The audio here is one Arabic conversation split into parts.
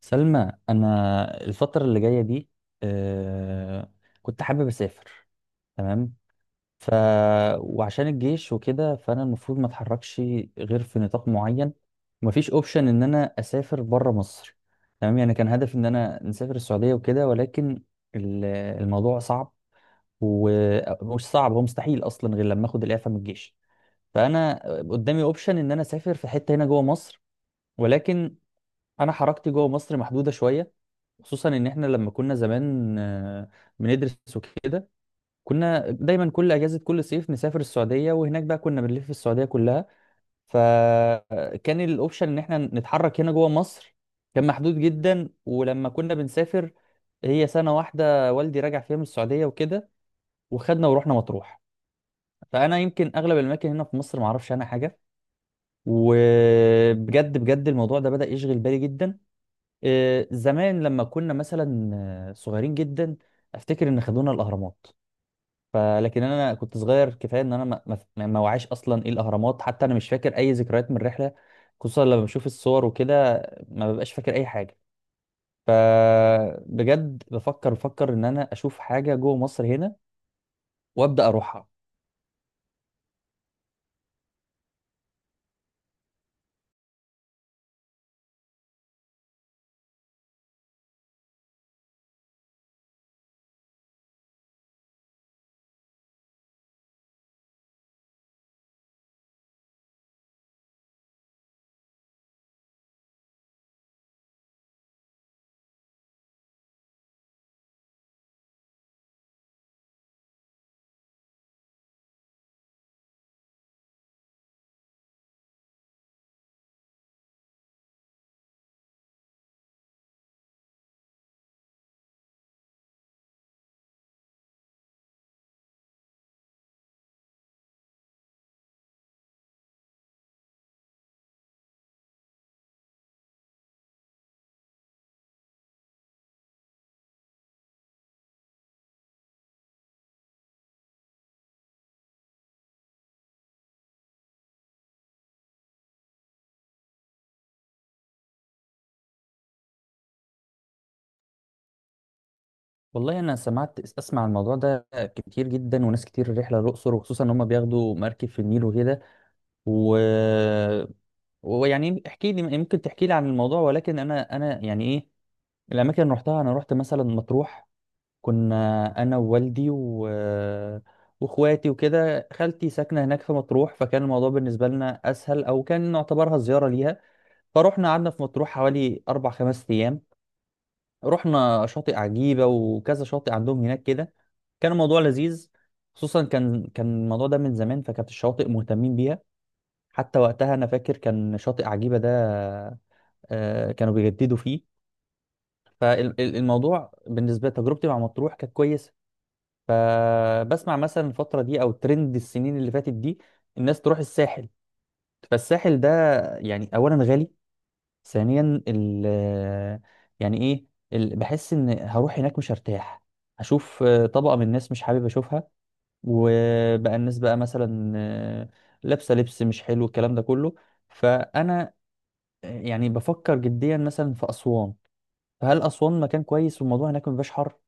سلمى انا الفتره اللي جايه دي آه، كنت حابب اسافر. تمام. ف وعشان الجيش وكده فانا المفروض ما اتحركش غير في نطاق معين، ومفيش اوبشن ان انا اسافر بره مصر. تمام، يعني كان هدفي ان انا نسافر السعوديه وكده، ولكن ال- الموضوع صعب. ومش صعب، هو مستحيل اصلا غير لما اخد الاعفاء من الجيش. فانا قدامي اوبشن ان انا اسافر في حته هنا جوه مصر، ولكن انا حركتي جوه مصر محدوده شويه. خصوصا ان احنا لما كنا زمان بندرس وكده، كنا دايما كل اجازه كل صيف نسافر السعوديه، وهناك بقى كنا بنلف السعوديه كلها. فكان الاوبشن ان احنا نتحرك هنا جوه مصر كان محدود جدا. ولما كنا بنسافر، هي سنه واحده والدي راجع فيها من السعوديه وكده، وخدنا ورحنا مطروح. فانا يمكن اغلب الاماكن هنا في مصر ما اعرفش عنها حاجه. وبجد بجد الموضوع ده بدأ يشغل بالي جدا. زمان لما كنا مثلا صغيرين جدا، افتكر ان خدونا الاهرامات. فلكن انا كنت صغير كفايه ان انا ما وعيش اصلا ايه الاهرامات، حتى انا مش فاكر اي ذكريات من الرحله. خصوصا لما بشوف الصور وكده، ما ببقاش فاكر اي حاجه. فبجد بفكر ان انا اشوف حاجه جوه مصر هنا وابدا اروحها. والله انا اسمع الموضوع ده كتير جدا، وناس كتير الرحله للاقصر، وخصوصا ان هم بياخدوا مركب في النيل وكده. و ويعني احكي لي، ممكن تحكي لي عن الموضوع. ولكن انا يعني ايه، الاماكن اللي رحتها، انا رحت مثلا مطروح. كنا انا ووالدي و... واخواتي وكده، خالتي ساكنه هناك في مطروح، فكان الموضوع بالنسبه لنا اسهل، او كان نعتبرها زياره ليها. فروحنا قعدنا في مطروح حوالي اربع خمس ايام. رحنا شاطئ عجيبه وكذا شاطئ عندهم هناك كده. كان الموضوع لذيذ. خصوصا كان الموضوع ده من زمان، فكانت الشواطئ مهتمين بيها. حتى وقتها انا فاكر كان شاطئ عجيبه ده كانوا بيجددوا فيه. فالموضوع بالنسبه لتجربتي مع مطروح كانت كويسه. فبسمع مثلا الفتره دي او ترند السنين اللي فاتت دي، الناس تروح الساحل. فالساحل ده يعني اولا غالي، ثانيا يعني ايه، بحس ان هروح هناك مش هرتاح. هشوف طبقه من الناس مش حابب اشوفها، وبقى الناس بقى مثلا لابسه لبس مش حلو، الكلام ده كله. فانا يعني بفكر جديا مثلا في اسوان. فهل أسوان مكان كويس، والموضوع هناك مبيبقاش حر؟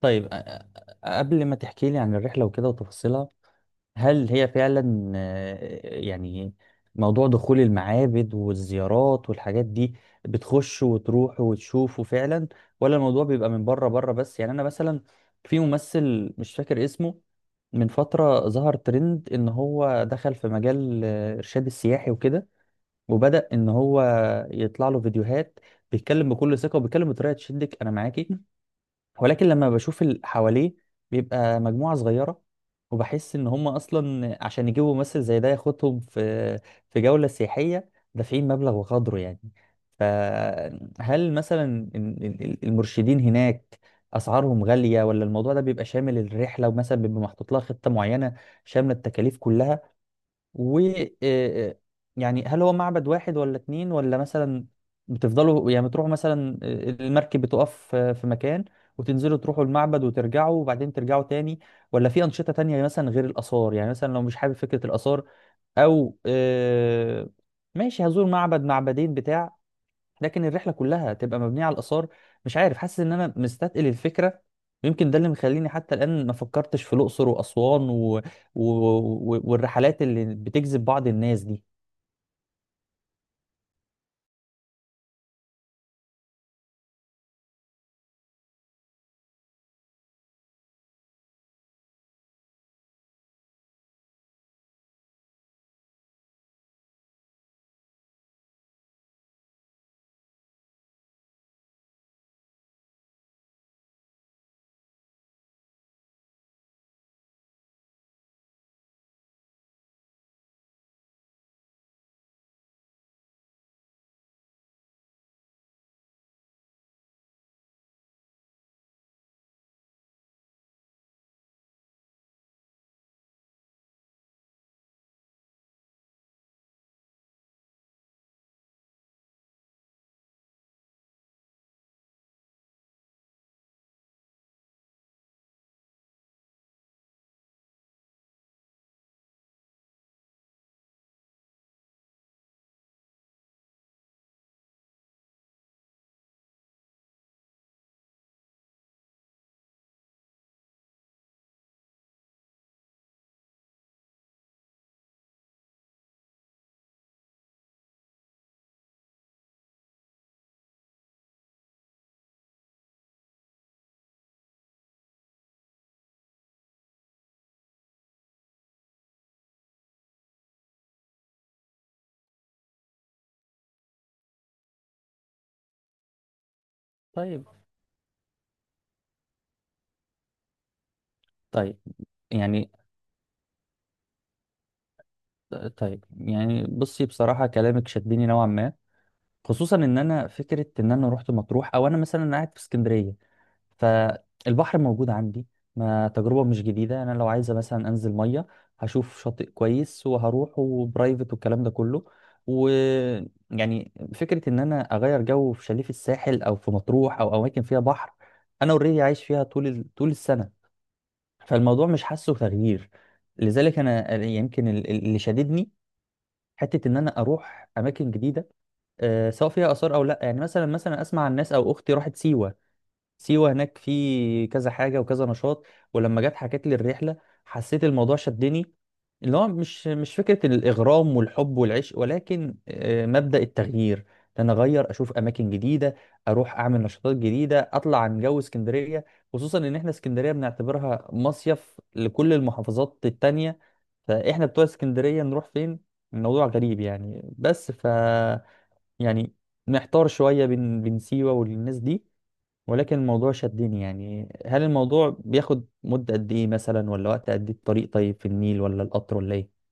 طيب، قبل ما تحكي لي عن الرحلة وكده وتفاصيلها، هل هي فعلا يعني موضوع دخول المعابد والزيارات والحاجات دي، بتخش وتروح وتشوفه فعلا، ولا الموضوع بيبقى من بره بره بس؟ يعني أنا مثلا في ممثل مش فاكر اسمه، من فترة ظهر ترند إن هو دخل في مجال إرشاد السياحي وكده، وبدأ إن هو يطلع له فيديوهات، بيتكلم بكل ثقة وبيتكلم بطريقة تشدك أنا معاكي. ولكن لما بشوف اللي حواليه، بيبقى مجموعة صغيرة، وبحس ان هم اصلا عشان يجيبوا ممثل زي ده ياخدهم في في جولة سياحية، دافعين مبلغ وقدره يعني. فهل مثلا المرشدين هناك اسعارهم غالية، ولا الموضوع ده بيبقى شامل الرحلة، ومثلا بيبقى محطوط لها خطة معينة شاملة التكاليف كلها؟ و آه، آه، يعني هل هو معبد واحد ولا اتنين، ولا مثلا بتفضلوا، يعني بتروحوا مثلا المركب بتقف في مكان وتنزلوا تروحوا المعبد وترجعوا، وبعدين ترجعوا تاني؟ ولا في أنشطة تانية مثلا غير الآثار؟ يعني مثلا لو مش حابب فكرة الآثار، أو ماشي هزور معبد معبدين بتاع، لكن الرحله كلها تبقى مبنيه على الاثار. مش عارف، حاسس ان انا مستثقل الفكره. يمكن ده اللي مخليني حتى الان ما فكرتش في الاقصر واسوان و... و... و... والرحلات اللي بتجذب بعض الناس دي. طيب. طيب يعني. طيب يعني بصي، بصراحه كلامك شدني نوعا ما. خصوصا ان انا فكره ان انا رحت مطروح، او انا مثلا قاعد في اسكندريه فالبحر موجود عندي، ما تجربة مش جديدة. أنا لو عايزة مثلا أنزل مية، هشوف شاطئ كويس وهروح وبرايفت والكلام ده كله. ويعني فكرة إن أنا أغير جو في شاليه في الساحل، أو في مطروح، أو أماكن فيها بحر، أنا أوريدي عايش فيها طول طول السنة، فالموضوع مش حاسه تغيير. لذلك أنا يمكن اللي شددني حتة إن أنا أروح أماكن جديدة، سواء فيها آثار أو لأ. يعني مثلا مثلا أسمع عن ناس، أو أختي راحت سيوة. سيوة هناك في كذا حاجة وكذا نشاط. ولما جت حكت لي الرحلة، حسيت الموضوع شدني. اللي هو مش فكرة الإغرام والحب والعشق، ولكن مبدأ التغيير. إن أنا أغير أشوف أماكن جديدة، أروح أعمل نشاطات جديدة، أطلع عن جو اسكندرية. خصوصا إن إحنا اسكندرية بنعتبرها مصيف لكل المحافظات التانية، فإحنا بتوع اسكندرية نروح فين؟ الموضوع غريب يعني. بس ف يعني محتار شوية بين سيوة والناس دي. ولكن الموضوع شدني. يعني هل الموضوع بياخد مدة قد ايه مثلا، ولا وقت قد ايه، الطريق طيب في النيل ولا القطر ولا ايه؟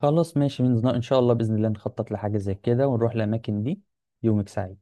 خلاص ماشي، من ان شاء الله بإذن الله نخطط لحاجة زي كده ونروح الأماكن دي. يومك سعيد.